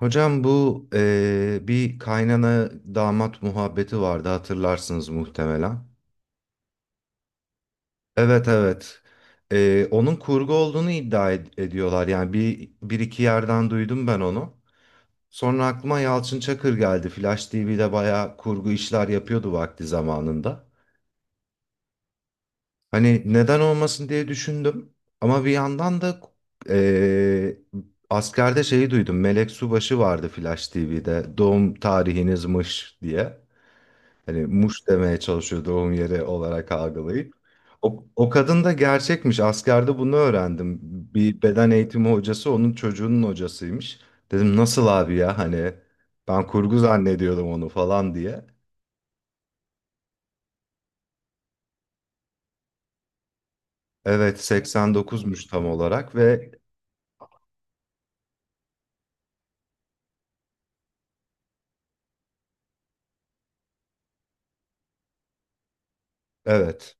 Hocam bu bir kaynana damat muhabbeti vardı, hatırlarsınız muhtemelen. Evet, evet. Onun kurgu olduğunu ediyorlar. Yani bir iki yerden duydum ben onu. Sonra aklıma Yalçın Çakır geldi. Flash TV'de bayağı kurgu işler yapıyordu vakti zamanında. Hani neden olmasın diye düşündüm. Ama bir yandan da eee, askerde şeyi duydum. Melek Subaşı vardı Flash TV'de. Doğum tarihinizmiş diye. Hani Muş demeye çalışıyor, doğum yeri olarak algılayıp. O kadın da gerçekmiş. Askerde bunu öğrendim. Bir beden eğitimi hocası onun çocuğunun hocasıymış. Dedim nasıl abi ya, hani ben kurgu zannediyordum onu falan diye. Evet, 89'muş tam olarak ve evet.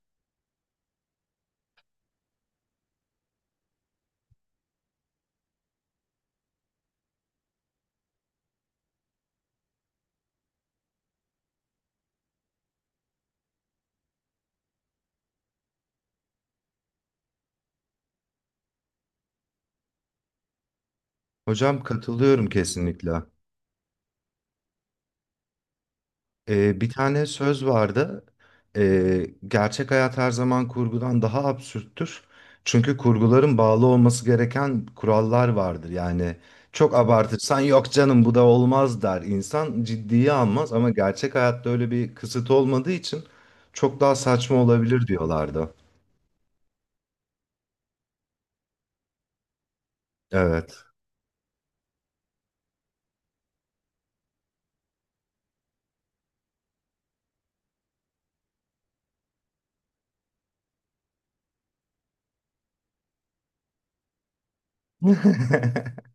Hocam katılıyorum kesinlikle. Bir tane söz vardı. Gerçek hayat her zaman kurgudan daha absürttür. Çünkü kurguların bağlı olması gereken kurallar vardır. Yani çok abartırsan yok canım bu da olmaz der. İnsan ciddiye almaz, ama gerçek hayatta öyle bir kısıt olmadığı için çok daha saçma olabilir diyorlardı. Evet.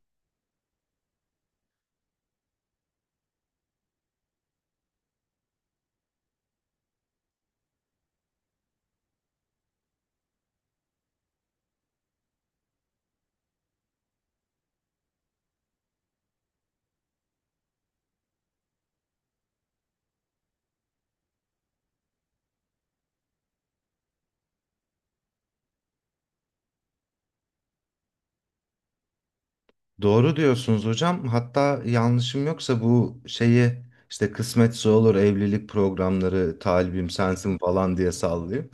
Doğru diyorsunuz hocam. Hatta yanlışım yoksa bu şeyi işte kısmetse olur, evlilik programları, talibim sensin falan diye sallıyor.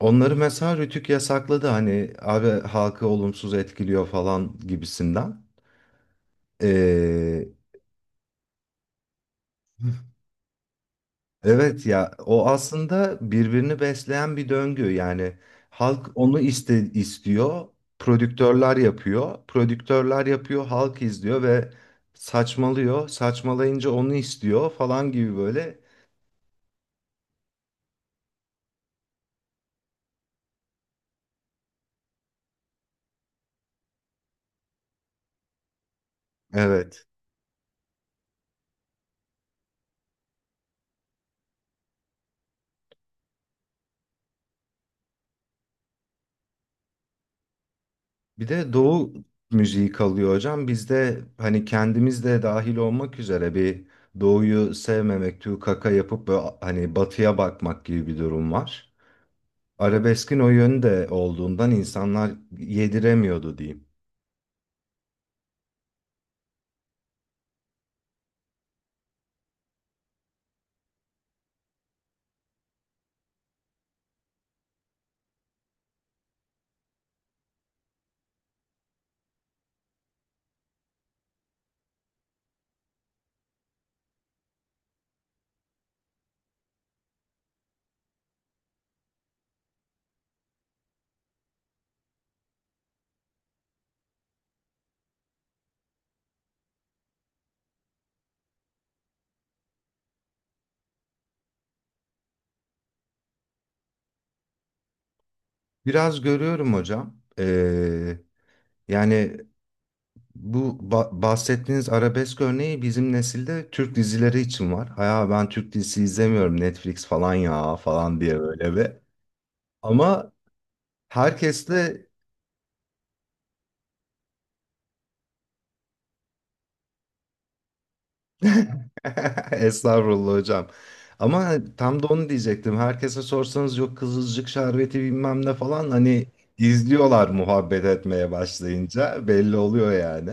Onları mesela Rütük yasakladı, hani abi halkı olumsuz etkiliyor falan gibisinden. Ee, Evet ya, o aslında birbirini besleyen bir döngü. Yani halk onu istiyor, prodüktörler yapıyor, halk izliyor ve saçmalıyor. Saçmalayınca onu istiyor falan gibi böyle. Evet. Bir de Doğu müziği kalıyor hocam. Bizde hani kendimiz de dahil olmak üzere bir Doğu'yu sevmemek, tüy kaka yapıp böyle hani batıya bakmak gibi bir durum var. Arabeskin o yönde olduğundan insanlar yediremiyordu diyeyim. Biraz görüyorum hocam. Yani bu bahsettiğiniz arabesk örneği bizim nesilde Türk dizileri için var. Hayır, ben Türk dizisi izlemiyorum, Netflix falan ya falan diye böyle bir. Ama herkesle estağfurullah hocam. Ama tam da onu diyecektim. Herkese sorsanız yok Kızılcık şerbeti bilmem ne falan, hani izliyorlar, muhabbet etmeye başlayınca belli oluyor yani.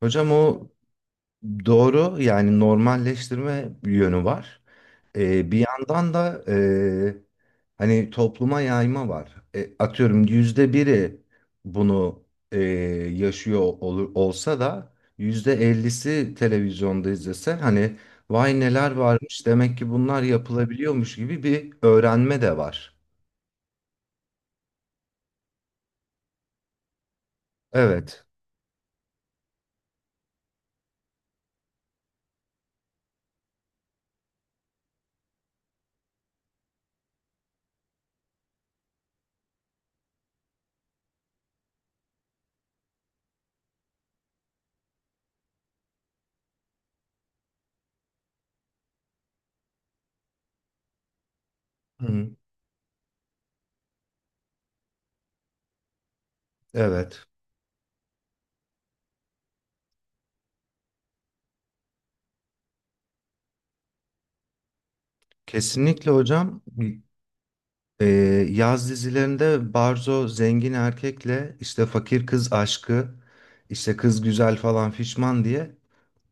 Hocam o doğru, yani normalleştirme yönü var. Bir yandan da e, hani topluma yayma var. E, atıyorum yüzde biri bunu e, yaşıyor olur, olsa da yüzde ellisi televizyonda izlese hani vay neler varmış, demek ki bunlar yapılabiliyormuş gibi bir öğrenme de var. Evet. Hı, evet. Kesinlikle hocam. Ee, yaz dizilerinde Barzo zengin erkekle işte fakir kız aşkı, işte kız güzel falan fişman diye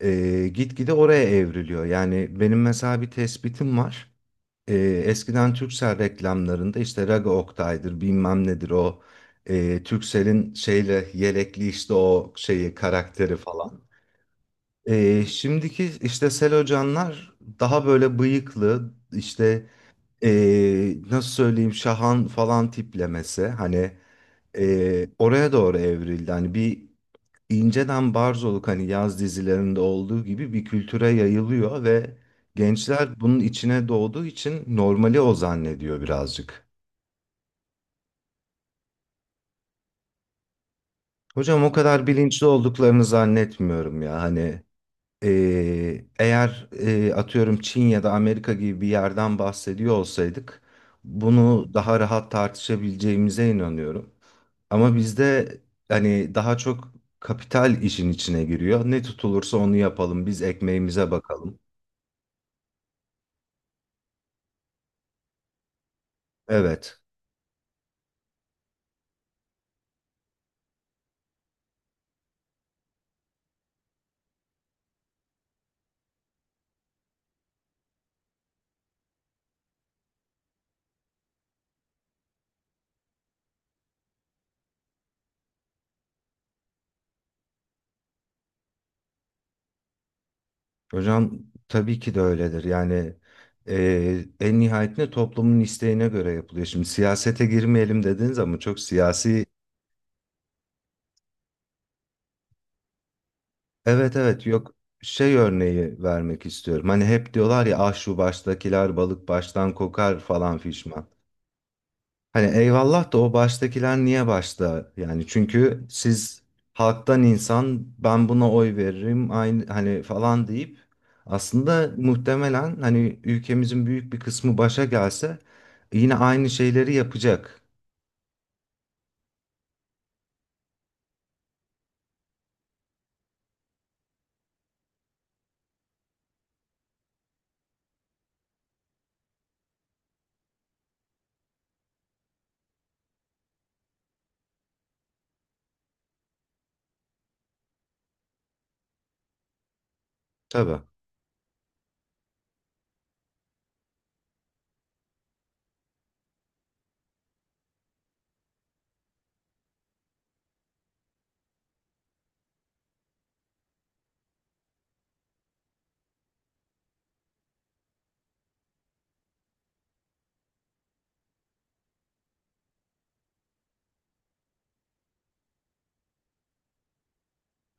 e, gitgide oraya evriliyor. Yani benim mesela bir tespitim var. E, eskiden Turkcell reklamlarında işte Raga Oktay'dır bilmem nedir, o e, Turkcell'in şeyle yelekli işte o şeyi karakteri falan. E, şimdiki işte Selocanlar daha böyle bıyıklı, işte e, nasıl söyleyeyim, Şahan falan tiplemesi hani e, oraya doğru evrildi. Hani bir inceden barzoluk, hani yaz dizilerinde olduğu gibi bir kültüre yayılıyor ve gençler bunun içine doğduğu için normali o zannediyor birazcık. Hocam o kadar bilinçli olduklarını zannetmiyorum ya, hani e, eğer e, atıyorum Çin ya da Amerika gibi bir yerden bahsediyor olsaydık bunu daha rahat tartışabileceğimize inanıyorum. Ama bizde hani daha çok kapital işin içine giriyor. Ne tutulursa onu yapalım. Biz ekmeğimize bakalım. Evet. Hocam tabii ki de öyledir. Yani e, en nihayetinde toplumun isteğine göre yapılıyor. Şimdi siyasete girmeyelim dediniz ama çok siyasi. Evet, evet, yok, şey örneği vermek istiyorum. Hani hep diyorlar ya ah şu baştakiler balık baştan kokar falan fişman. Hani eyvallah da, o baştakiler niye başta? Yani çünkü siz halktan insan ben buna oy veririm aynı hani falan deyip aslında muhtemelen hani ülkemizin büyük bir kısmı başa gelse yine aynı şeyleri yapacak. Tabii.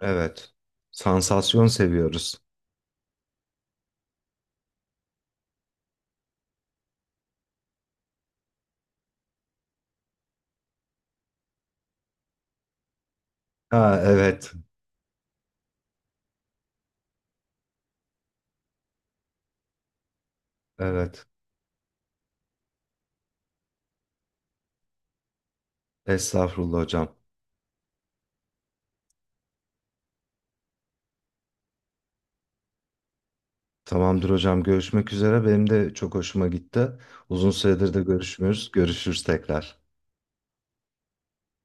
Evet. Sansasyon seviyoruz. Ha, evet. Evet. Estağfurullah hocam. Tamamdır hocam. Görüşmek üzere. Benim de çok hoşuma gitti. Uzun süredir de görüşmüyoruz. Görüşürüz tekrar.